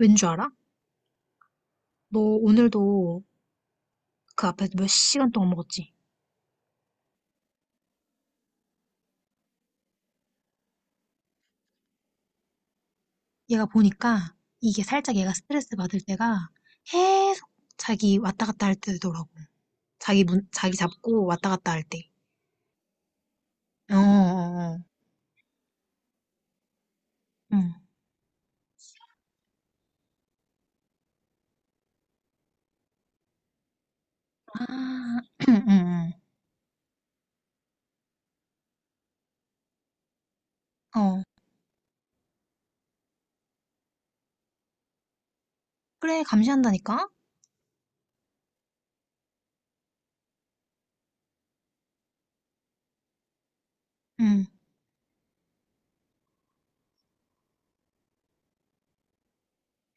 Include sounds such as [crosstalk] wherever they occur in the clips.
왠 줄 알아? 너 오늘도 그 앞에서 몇 시간 동안 먹었지? 얘가 보니까 이게 살짝 얘가 스트레스 받을 때가 계속 자기 왔다 갔다 할 때더라고. 자기 잡고 왔다 갔다 할 때. 어, 어, 어. 응. 아, [clears throat] 응, 응, 응. 어. 그래, 감시한다니까? 응.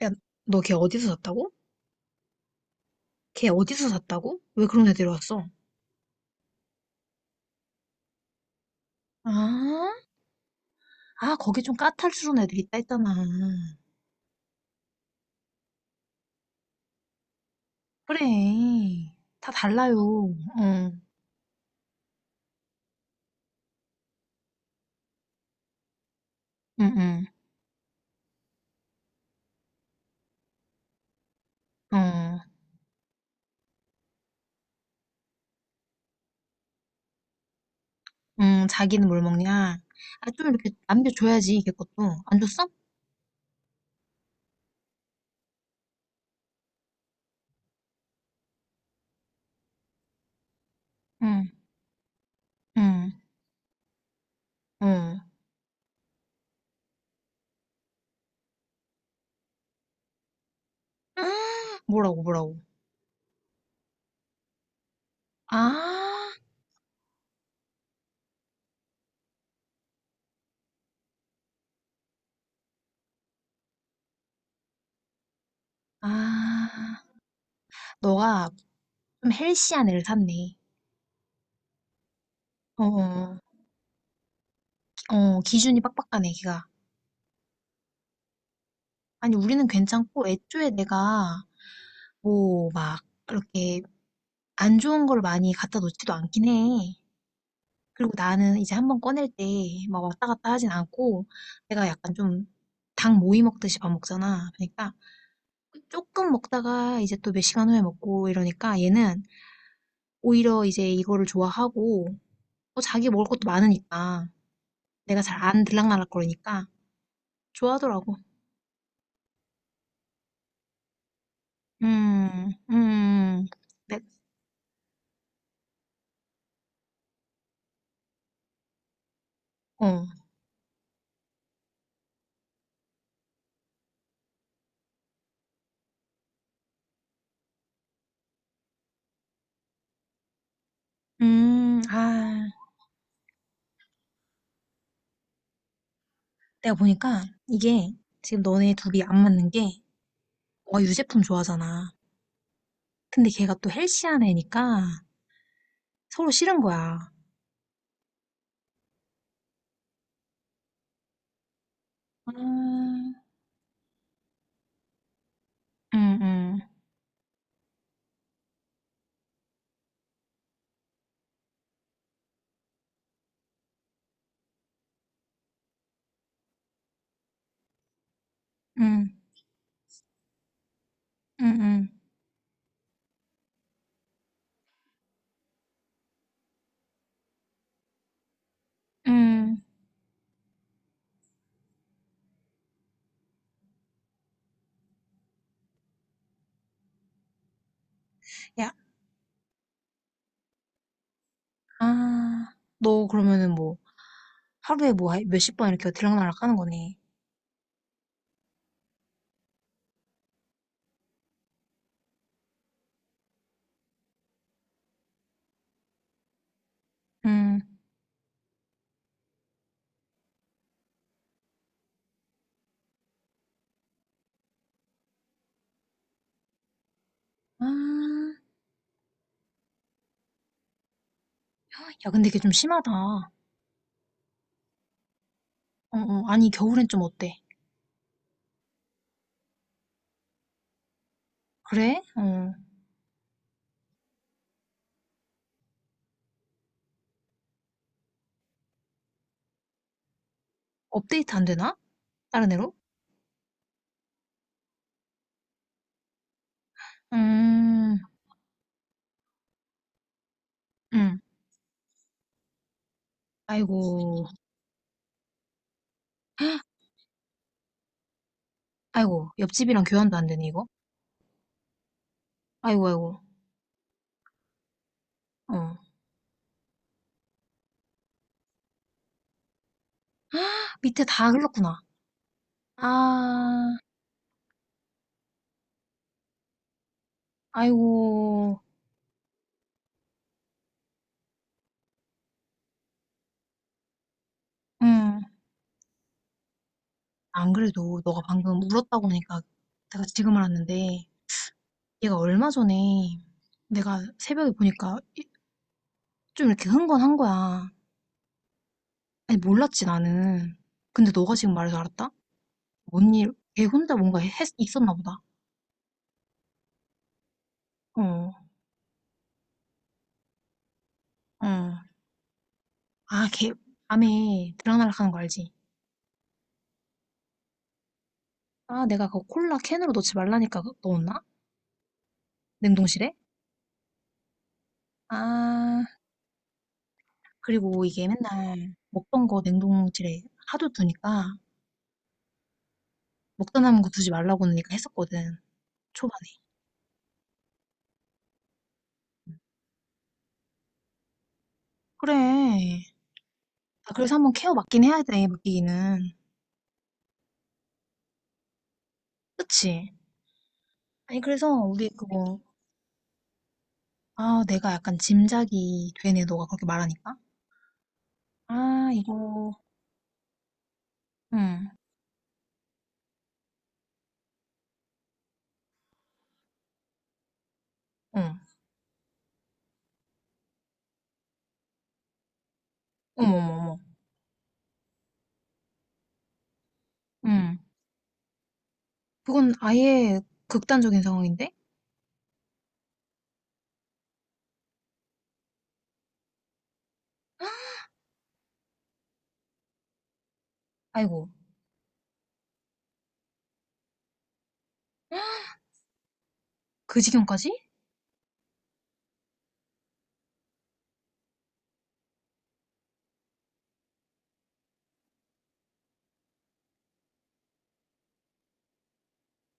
야, 너 걔 어디서 샀다고? 걔 어디서 샀다고? 왜 그런 애들이 왔어? 아, 아, 거기 좀 까탈스러운 애들이 있다 했잖아. 그래. 다 달라요. 어. 응응. 어. 응, 자기는 뭘 먹냐? 아, 좀 이렇게 남겨줘야지, 걔 것도. 안 줬어? 응, 응, 어. [gasps] 뭐라고, 뭐라고. 아, 아. 너가 좀 헬시한 애를 샀네. 어, 어, 어, 기준이 빡빡하네, 걔가. 아니, 우리는 괜찮고, 애초에 내가, 뭐, 막, 이렇게, 안 좋은 걸 많이 갖다 놓지도 않긴 해. 그리고 나는 이제 한번 꺼낼 때 막 왔다 갔다 하진 않고, 내가 약간 좀 닭 모이 먹듯이 밥 먹잖아. 그러니까 조금 먹다가 이제 또 몇 시간 후에 먹고 이러니까 얘는 오히려 이제 이거를 좋아하고, 또 자기 먹을 것도 많으니까 내가 잘 안 들락날락 거리니까 좋아하더라고. 음, 음, 내, 어, 음, 아, 내가 보니까 이게 지금 너네 둘이 안 맞는 게, 와, 유제품 좋아하잖아. 근데 걔가 또 헬시한 애니까 서로 싫은 거야. 음, 응, 응, 응, 응, 응, 응. 야, 아, 너 그러면은 뭐, 하루에 뭐, 몇십 번 이렇게 들락날락 하는 거네. 응, 아, 야, 근데 이게 좀 심하다. 어, 어, 아니, 겨울엔 좀 어때? 그래? 어, 업데이트 안 되나? 다른 애로? 음, 응. 아이고, [gasps] 아이고, 옆집이랑 교환도 안 되네, 이거? 아이고, 아이고, 어. 밑에 다 흘렀구나. 아, 아이고, 응. 안 그래도 너가 방금 울었다고 하니까 내가 지금 알았는데, 얘가 얼마 전에 내가 새벽에 보니까 좀 이렇게 흥건한 거야. 아니, 몰랐지 나는. 근데 너가 지금 말해서 알았다? 뭔 일? 걔 혼자 뭔가 했, 있었나 보다. 어. 어. 아, 걔 밤에 들락날락 하는 거 알지? 아, 내가 그 콜라 캔으로 넣지 말라니까 그거 넣었나? 냉동실에? 아, 그리고 이게 맨날 먹던 거 냉동실에 하도 두니까, 먹다 남은 거 두지 말라고 하니까 했었거든. 초반에. 그래. 아, 그래서 한번 케어 맡긴 해야 돼, 맡기기는. 그치? 아니, 그래서 우리 그거, 내가 약간 짐작이 되네, 너가 그렇게 말하니까. 아, 이거, 응, 응, 어머, 어머, 어머, 응. 그건 아예 극단적인 상황인데? 아이고, [gasps] 그 지경까지?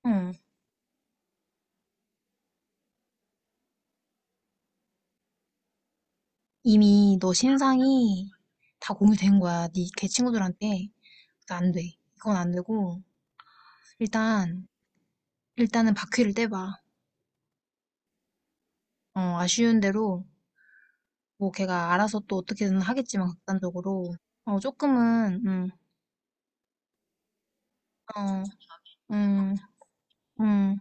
응. 이미 너 신상이 다 공유된 거야, 니 걔 친구들한테. 그러니까 안 돼. 이건 안 되고, 일단, 일단은 바퀴를 떼봐. 어, 아쉬운 대로 뭐 걔가 알아서 또 어떻게든 하겠지만, 극단적으로 어 조금은 음어음음아아 안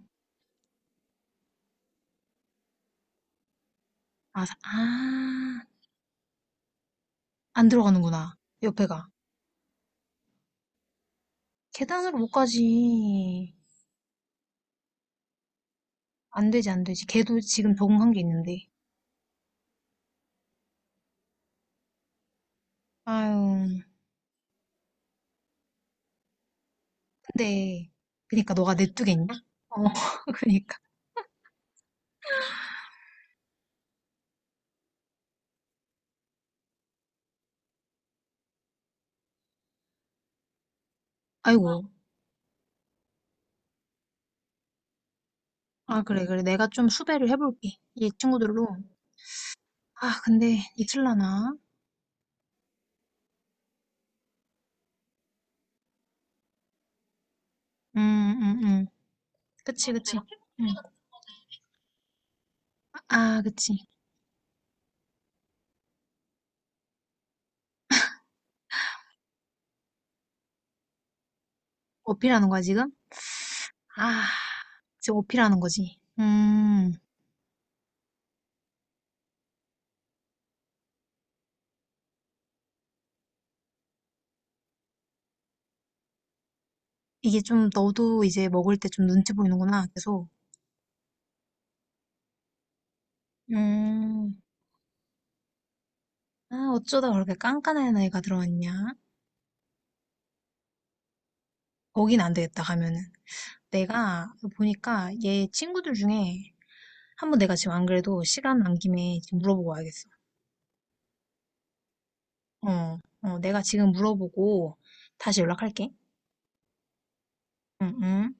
들어가는구나, 옆에가. 계단으로 못 가지. 안 되지, 안 되지. 걔도 지금 적응한 게 있는데. 아유. 근데 그니까 너가 내뚜겠냐. 어 [laughs] 그니까. 아이고. 아, 그래, 그래, 내가 좀 수배를 해볼게, 이 친구들로. 아, 근데 이틀라나. 음 음 음 그치 그치 음. 아, 그치. 어필하는 거야, 지금. 아, 이제 어필하는 거지. 이게 좀 너도 이제 먹을 때 좀 눈치 보이는구나, 계속. 음, 어쩌다 그렇게 깐깐한 애가 들어왔냐? 거긴 안 되겠다, 가면은. 내가 보니까 얘 친구들 중에, 한번 내가 지금 안 그래도 시간 난 김에 지금 물어보고 와야겠어. 어, 어, 내가 지금 물어보고 다시 연락할게. 응, 응.